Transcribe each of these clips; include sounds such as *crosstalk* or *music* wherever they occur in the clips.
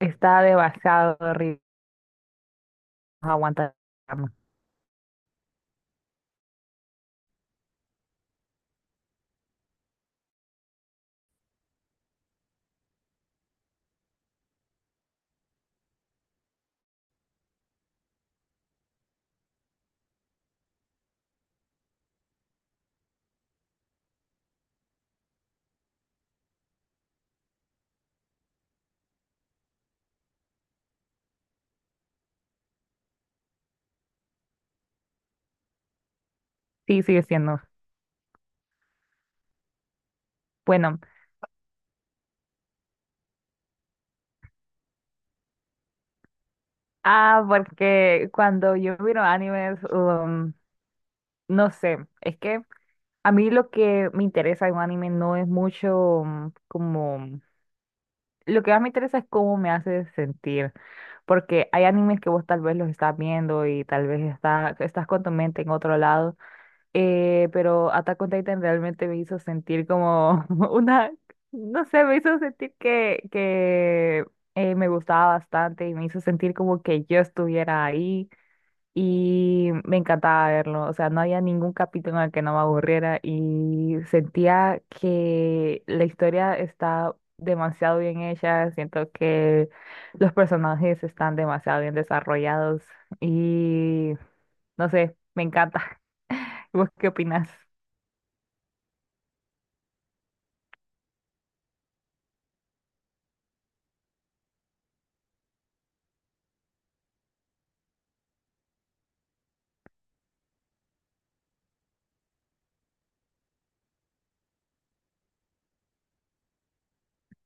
Está demasiado horrible. No aguanta la trama. Sí, sigue siendo. Bueno, porque cuando yo miro animes, no sé, es que a mí lo que me interesa en un anime no es mucho como... Lo que más me interesa es cómo me hace sentir, porque hay animes que vos tal vez los estás viendo y tal vez estás con tu mente en otro lado. Pero Attack on Titan realmente me hizo sentir como *laughs* una, no sé, me hizo sentir que me gustaba bastante y me hizo sentir como que yo estuviera ahí y me encantaba verlo. O sea, no había ningún capítulo en el que no me aburriera y sentía que la historia está demasiado bien hecha, siento que los personajes están demasiado bien desarrollados y no sé, me encanta. *laughs* ¿Vos qué opinas?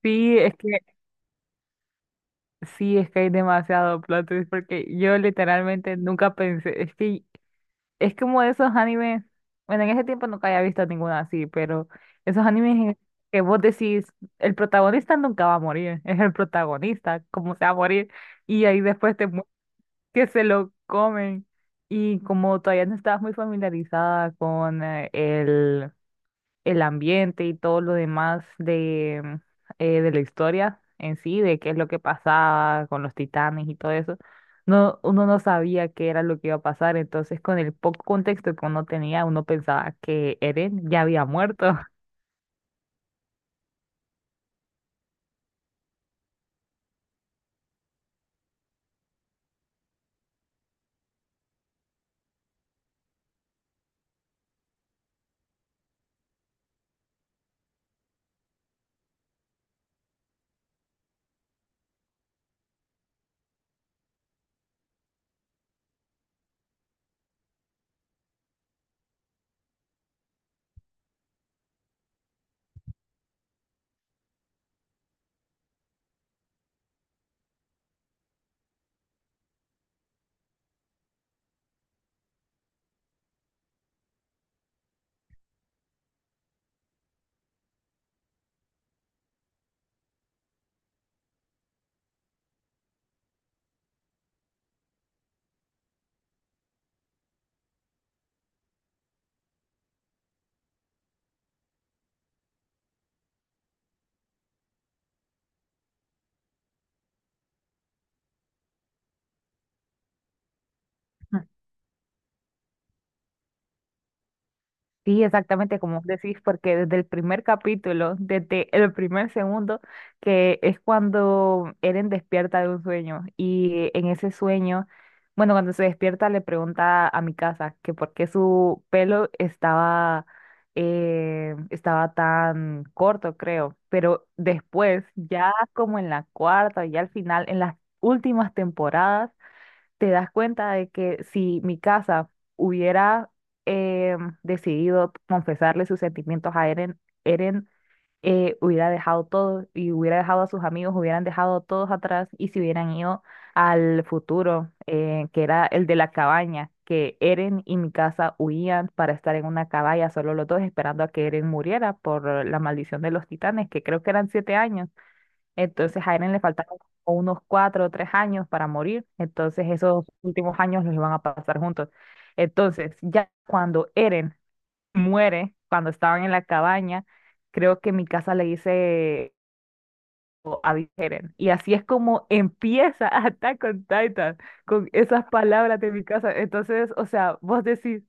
Sí, es que sí, es que hay demasiado plot twist porque yo literalmente nunca pensé, es que es como esos animes, bueno, en ese tiempo nunca había visto ninguna así, pero esos animes en que vos decís, el protagonista nunca va a morir, es el protagonista, ¿cómo se va a morir? Y ahí después te muestran que se lo comen, y como todavía no estabas muy familiarizada con el ambiente y todo lo demás de la historia en sí, de qué es lo que pasaba con los titanes y todo eso, no, uno no sabía qué era lo que iba a pasar, entonces con el poco contexto que uno tenía, uno pensaba que Eren ya había muerto. Sí, exactamente como vos decís, porque desde el primer capítulo, desde el primer segundo, que es cuando Eren despierta de un sueño y en ese sueño, bueno, cuando se despierta le pregunta a mi casa que por qué su pelo estaba, estaba tan corto, creo, pero después, ya como en la cuarta, ya al final, en las últimas temporadas, te das cuenta de que si mi casa hubiera eh, decidido confesarle sus sentimientos a Eren, Eren hubiera dejado todo y hubiera dejado a sus amigos, hubieran dejado a todos atrás y se hubieran ido al futuro, que era el de la cabaña, que Eren y mi casa huían para estar en una cabaña, solo los dos esperando a que Eren muriera por la maldición de los titanes, que creo que eran 7 años. Entonces a Eren le faltaron como unos 4 o 3 años para morir. Entonces esos últimos años los iban a pasar juntos. Entonces ya cuando Eren muere, cuando estaban en la cabaña, creo que Mikasa le dice o a Eren. Y así es como empieza *laughs* Attack on Titan, con esas palabras de Mikasa. Entonces, o sea, vos decís,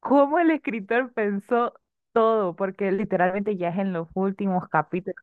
¿cómo el escritor pensó todo? Porque literalmente ya es en los últimos capítulos.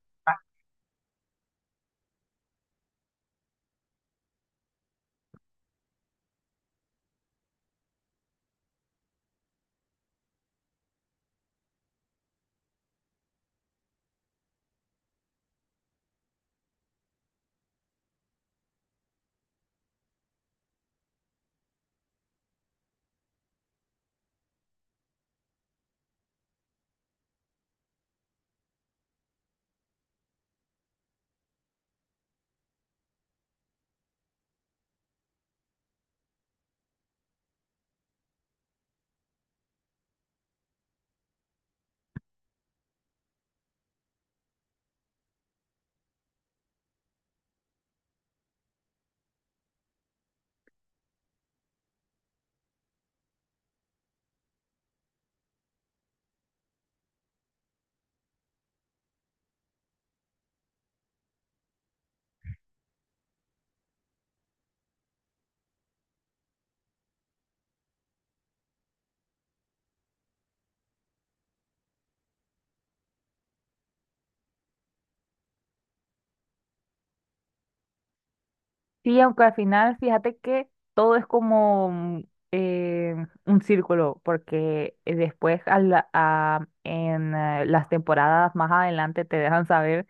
Sí, aunque al final fíjate que todo es como eh, un círculo, porque después a la- a- en las temporadas más adelante te dejan saber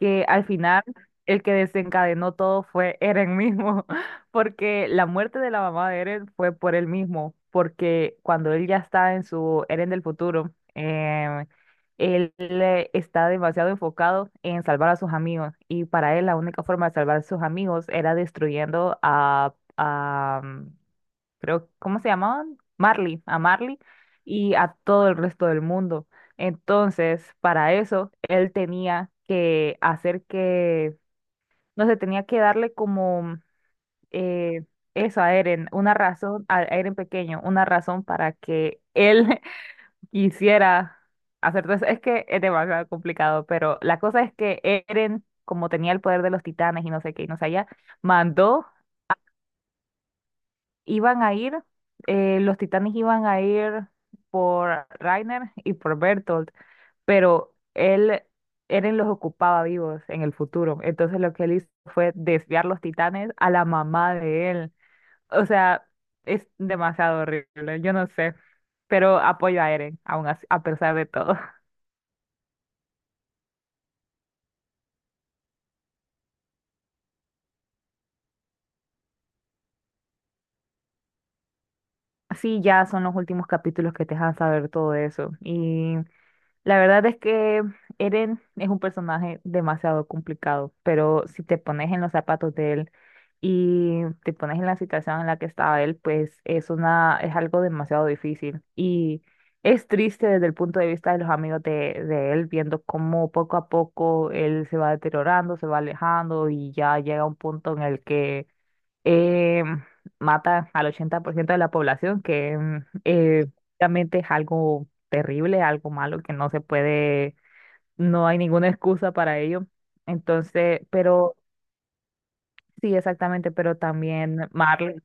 que al final el que desencadenó todo fue Eren mismo, *laughs* porque la muerte de la mamá de Eren fue por él mismo, porque cuando él ya está en su Eren del futuro, él está demasiado enfocado en salvar a sus amigos y para él la única forma de salvar a sus amigos era destruyendo a creo, ¿cómo se llamaban? Marley, a Marley y a todo el resto del mundo. Entonces, para eso, él tenía que hacer que, no sé, tenía que darle como eh, eso a Eren, una razón, a Eren pequeño, una razón para que él *laughs* quisiera hacer todo eso. Es que es demasiado complicado, pero la cosa es que Eren, como tenía el poder de los titanes y no sé qué, y no sé allá, mandó iban a ir, los titanes iban a ir por Reiner y por Bertolt, pero él, Eren los ocupaba vivos en el futuro. Entonces lo que él hizo fue desviar los titanes a la mamá de él. O sea, es demasiado horrible, yo no sé, pero apoyo a Eren, aún así, a pesar de todo. *laughs* Sí, ya son los últimos capítulos que te dejan saber todo eso. Y la verdad es que Eren es un personaje demasiado complicado, pero si te pones en los zapatos de él y te pones en la situación en la que estaba él, pues es una, es algo demasiado difícil. Y es triste desde el punto de vista de los amigos de él, viendo cómo poco a poco él se va deteriorando, se va alejando y ya llega un punto en el que eh, mata al 80% de la población, que eh, realmente es algo terrible, algo malo, que no se puede, no hay ninguna excusa para ello. Entonces, pero sí, exactamente, pero también Marley,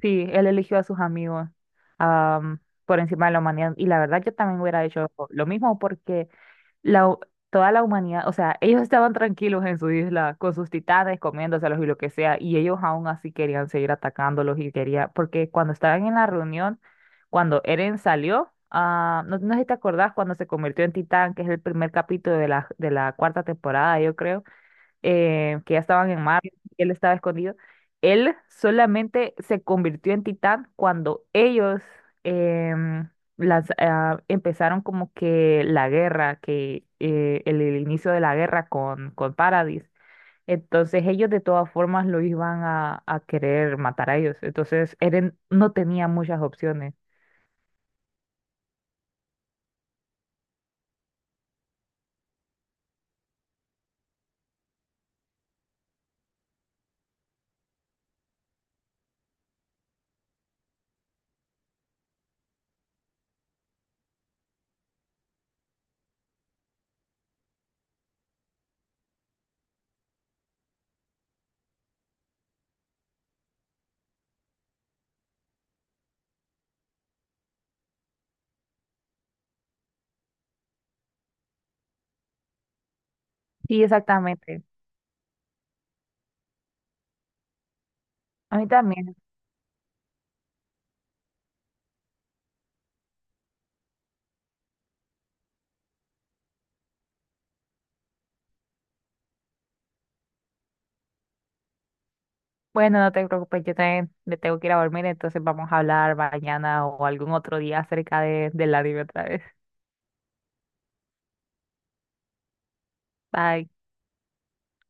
sí, él eligió a sus amigos am, por encima de la humanidad. Y la verdad, yo también hubiera hecho lo mismo porque la, hu- toda la humanidad, o sea, ellos estaban tranquilos en su isla con sus titanes comiéndoselos y lo que sea, y ellos aún así querían seguir atacándolos y quería, porque cuando estaban en la reunión, cuando Eren salió, ah, no, no sé si te acordás cuando se convirtió en titán, que es el primer capítulo de de la cuarta temporada, yo creo, que ya estaban en Marte, y él estaba escondido. Él solamente se convirtió en titán cuando ellos em, empezaron como que la guerra, que el inicio de la guerra con Paradis. Entonces ellos de todas formas lo iban a querer matar a ellos. Entonces Eren no tenía muchas opciones. Sí, exactamente. A mí también. Bueno, no te preocupes, yo también me tengo que ir a dormir, entonces vamos a hablar mañana o algún otro día acerca de, del anime otra vez. Bye.